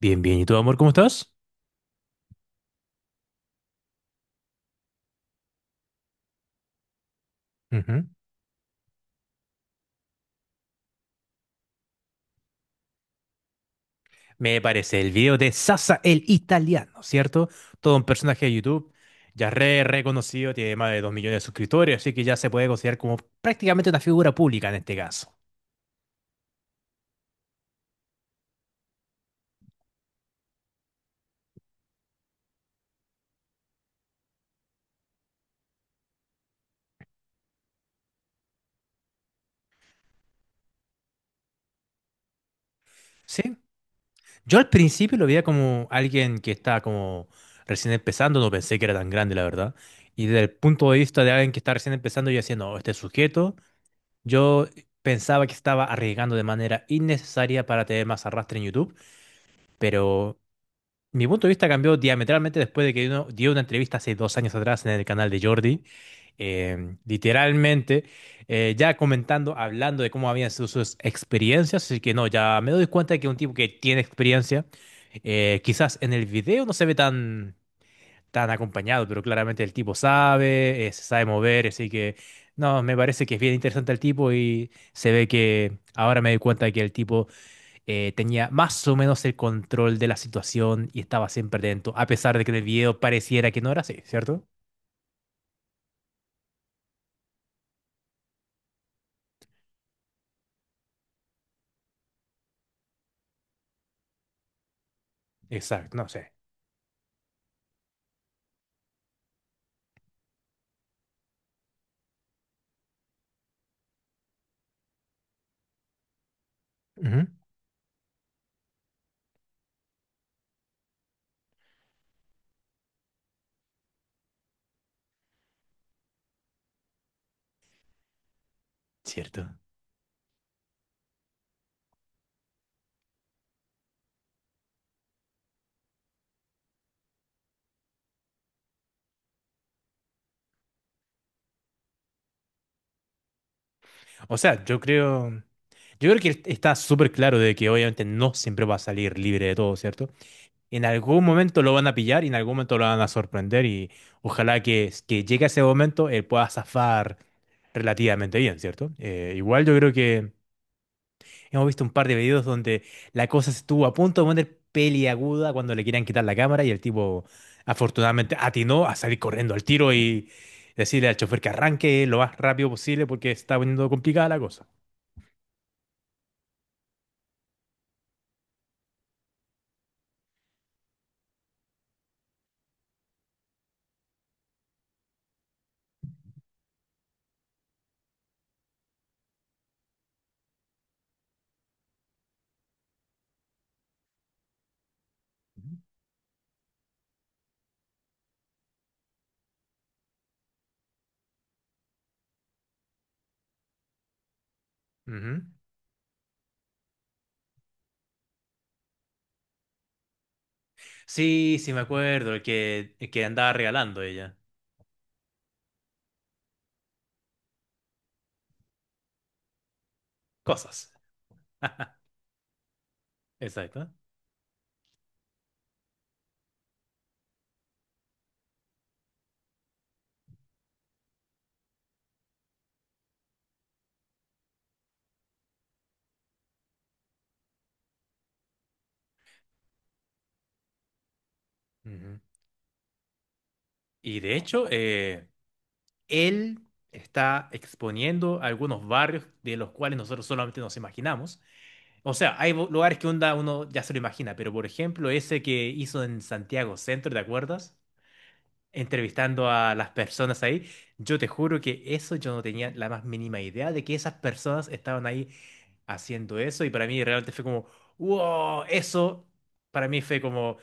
Bien, bien. ¿Y tú, amor, cómo estás? Ujú. Me parece el video de Sasa el italiano, ¿cierto? Todo un personaje de YouTube ya re reconocido, tiene más de 2 millones de suscriptores, así que ya se puede considerar como prácticamente una figura pública en este caso, ¿sí? Yo al principio lo veía como alguien que está como recién empezando, no pensé que era tan grande, la verdad. Y desde el punto de vista de alguien que está recién empezando, yo decía, no, este sujeto, yo pensaba que estaba arriesgando de manera innecesaria para tener más arrastre en YouTube. Pero mi punto de vista cambió diametralmente después de que uno dio una entrevista hace 2 años atrás en el canal de Jordi. Literalmente, ya comentando, hablando de cómo habían sido sus experiencias. Así que no, ya me doy cuenta de que un tipo que tiene experiencia, quizás en el video no se ve tan, tan acompañado, pero claramente el tipo sabe, se sabe mover. Así que no, me parece que es bien interesante el tipo y se ve que ahora me doy cuenta de que el tipo tenía más o menos el control de la situación y estaba siempre lento, a pesar de que en el video pareciera que no era así, ¿cierto? Exacto, no sé. Ujú. Cierto. O sea, yo creo que está súper claro de que obviamente no siempre va a salir libre de todo, ¿cierto? En algún momento lo van a pillar y en algún momento lo van a sorprender y ojalá que llegue a ese momento él pueda zafar relativamente bien, ¿cierto? Igual yo creo que hemos visto un par de videos donde la cosa estuvo a punto de poner peliaguda cuando le querían quitar la cámara y el tipo afortunadamente atinó a salir corriendo al tiro y decirle al chofer que arranque lo más rápido posible porque está poniendo complicada la cosa. Ujú. Sí, sí me acuerdo, el que andaba regalando ella. Cosas. Exacto. Ujú. Y de hecho, él está exponiendo algunos barrios de los cuales nosotros solamente nos imaginamos. O sea, hay lugares que onda uno ya se lo imagina, pero por ejemplo, ese que hizo en Santiago Centro, ¿te acuerdas? Entrevistando a las personas ahí, yo te juro que eso yo no tenía la más mínima idea de que esas personas estaban ahí haciendo eso y para mí realmente fue como, wow, eso para mí fue como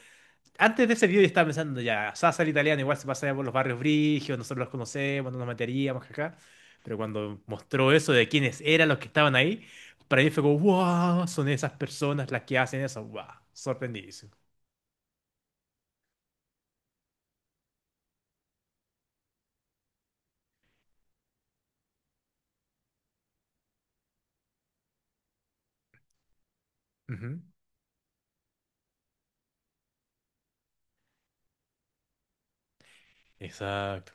antes de ese video yo estaba pensando ya, Sasa el italiano igual se pasaba por los barrios brigios, nosotros los conocemos, no nos meteríamos acá. Pero cuando mostró eso de quiénes eran los que estaban ahí, para mí fue como, wow, son esas personas las que hacen eso, wow, sorprendidísimo. Ujú. Exacto.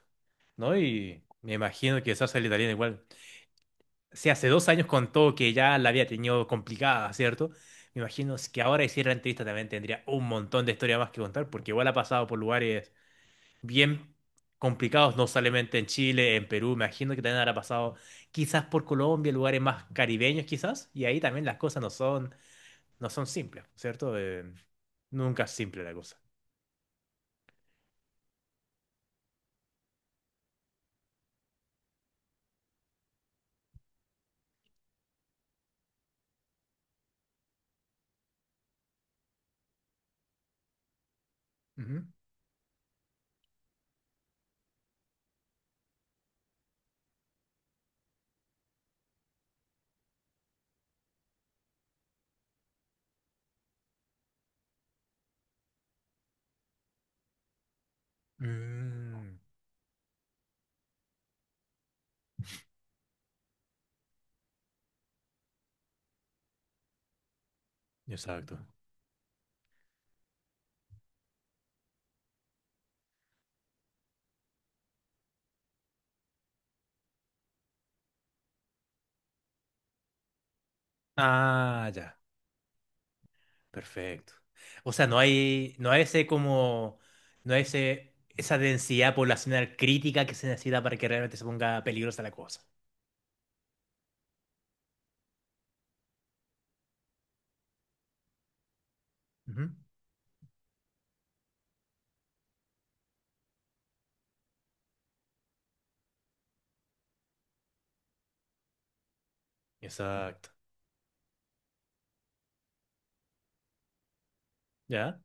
¿No? Y me imagino que Sasa el italiano igual. Si hace 2 años contó que ya la había tenido complicada, ¿cierto? Me imagino si que ahora hiciera la entrevista también tendría un montón de historia más que contar, porque igual ha pasado por lugares bien complicados, no solamente en Chile, en Perú, me imagino que también habrá pasado quizás por Colombia, lugares más caribeños quizás, y ahí también las cosas no son simples, ¿cierto? Nunca es simple la cosa. Ujú. Mm, exacto. Ah, ya, perfecto. O sea, no hay, no hay ese como, no hay ese, esa densidad poblacional crítica que se necesita para que realmente se ponga peligrosa la cosa. Ujú. Exacto. ¿Ya?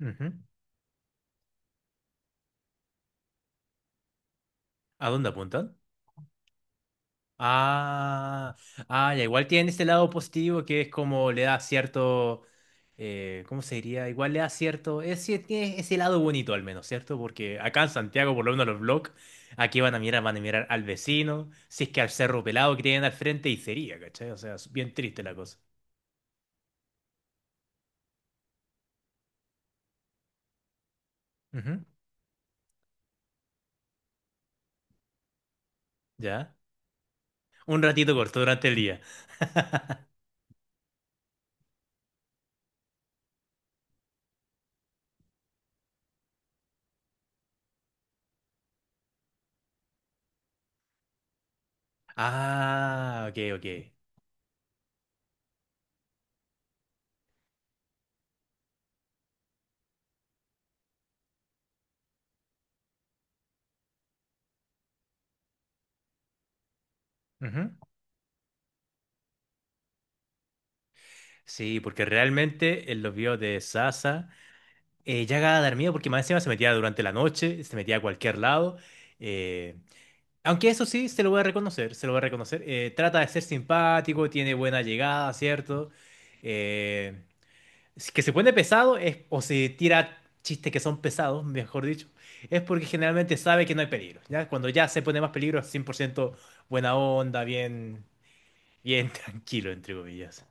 Ujú. ¿A dónde apuntan? Ah, ah, ya, igual tiene este lado positivo que es como le da cierto, ¿cómo se diría? Igual le da cierto, es, sí, tiene ese lado bonito al menos, ¿cierto? Porque acá en Santiago, por lo menos los vlogs, aquí van a mirar al vecino, si es que al cerro pelado que tienen al frente y sería, ¿cachai? O sea, es bien triste la cosa. Ujú. ¿Ya? Un ratito corto durante el día. Ah, ok, ok. Ujú. Sí, porque realmente en los videos de Sasa. Llega a dar miedo porque más encima se metía durante la noche, se metía a cualquier lado. eh, Aunque eso sí, se lo voy a reconocer, se lo voy a reconocer. Trata de ser simpático, tiene buena llegada, ¿cierto? Eh, si que se pone pesado es, o se tira chistes que son pesados, mejor dicho, es porque generalmente sabe que no hay peligro, ¿ya? Cuando ya se pone más peligro es 100% buena onda, bien, bien tranquilo, entre comillas.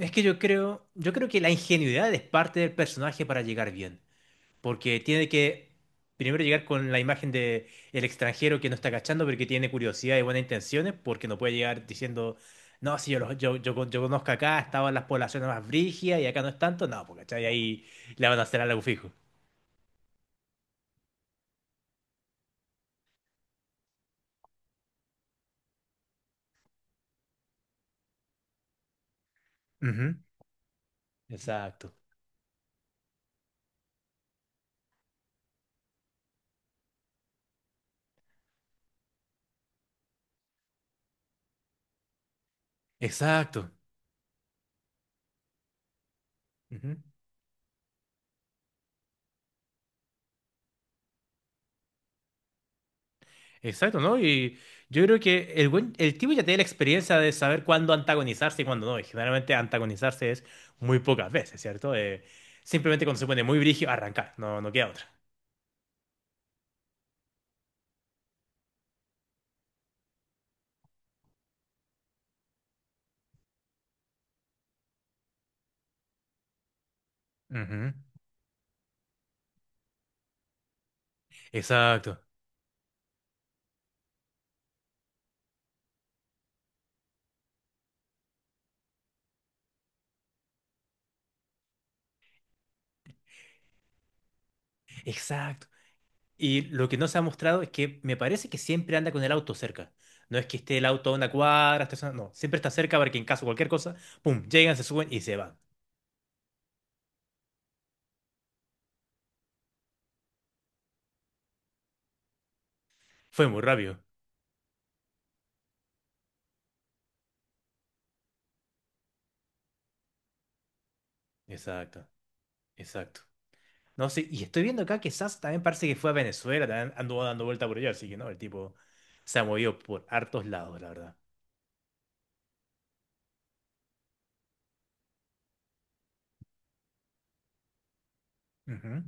Es que yo creo que la ingenuidad es parte del personaje para llegar bien. Porque tiene que primero llegar con la imagen de el extranjero que no está cachando, pero que tiene curiosidad y buenas intenciones, porque no puede llegar diciendo, no, si yo, los- yo, con- yo conozco acá, estaban las poblaciones más brígidas y acá no es tanto, no, porque ¿cachai? Ahí le van a hacer algo fijo. Ujú. Exacto, exacto, ujú, exacto, ¿no? Y yo creo que el tipo ya tiene la experiencia de saber cuándo antagonizarse y cuándo no. Y generalmente antagonizarse es muy pocas veces, ¿cierto? Simplemente cuando se pone muy brígido, arrancar, no, no queda otra. Ujú. Exacto, exacto. Y lo que no se ha mostrado es que me parece que siempre anda con el auto cerca. No es que esté el auto a una cuadra, esté no, siempre está cerca para que en caso de cualquier cosa, pum, llegan, se suben y se van. Fue muy rápido. Exacto, exacto. No sé, y estoy viendo acá que SAS también parece que fue a Venezuela, también anduvo dando vuelta por allá, así que no, el tipo se ha movido por hartos lados, la verdad. Ujú.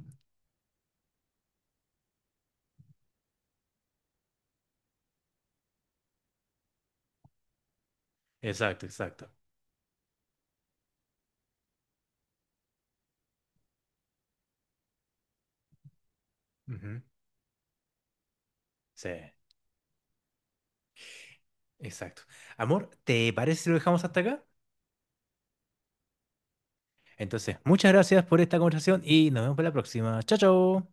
Exacto, exacto. Ujú. Sí, exacto. Amor, ¿te parece si lo dejamos hasta acá? Entonces, muchas gracias por esta conversación y nos vemos para la próxima. Chao, chao.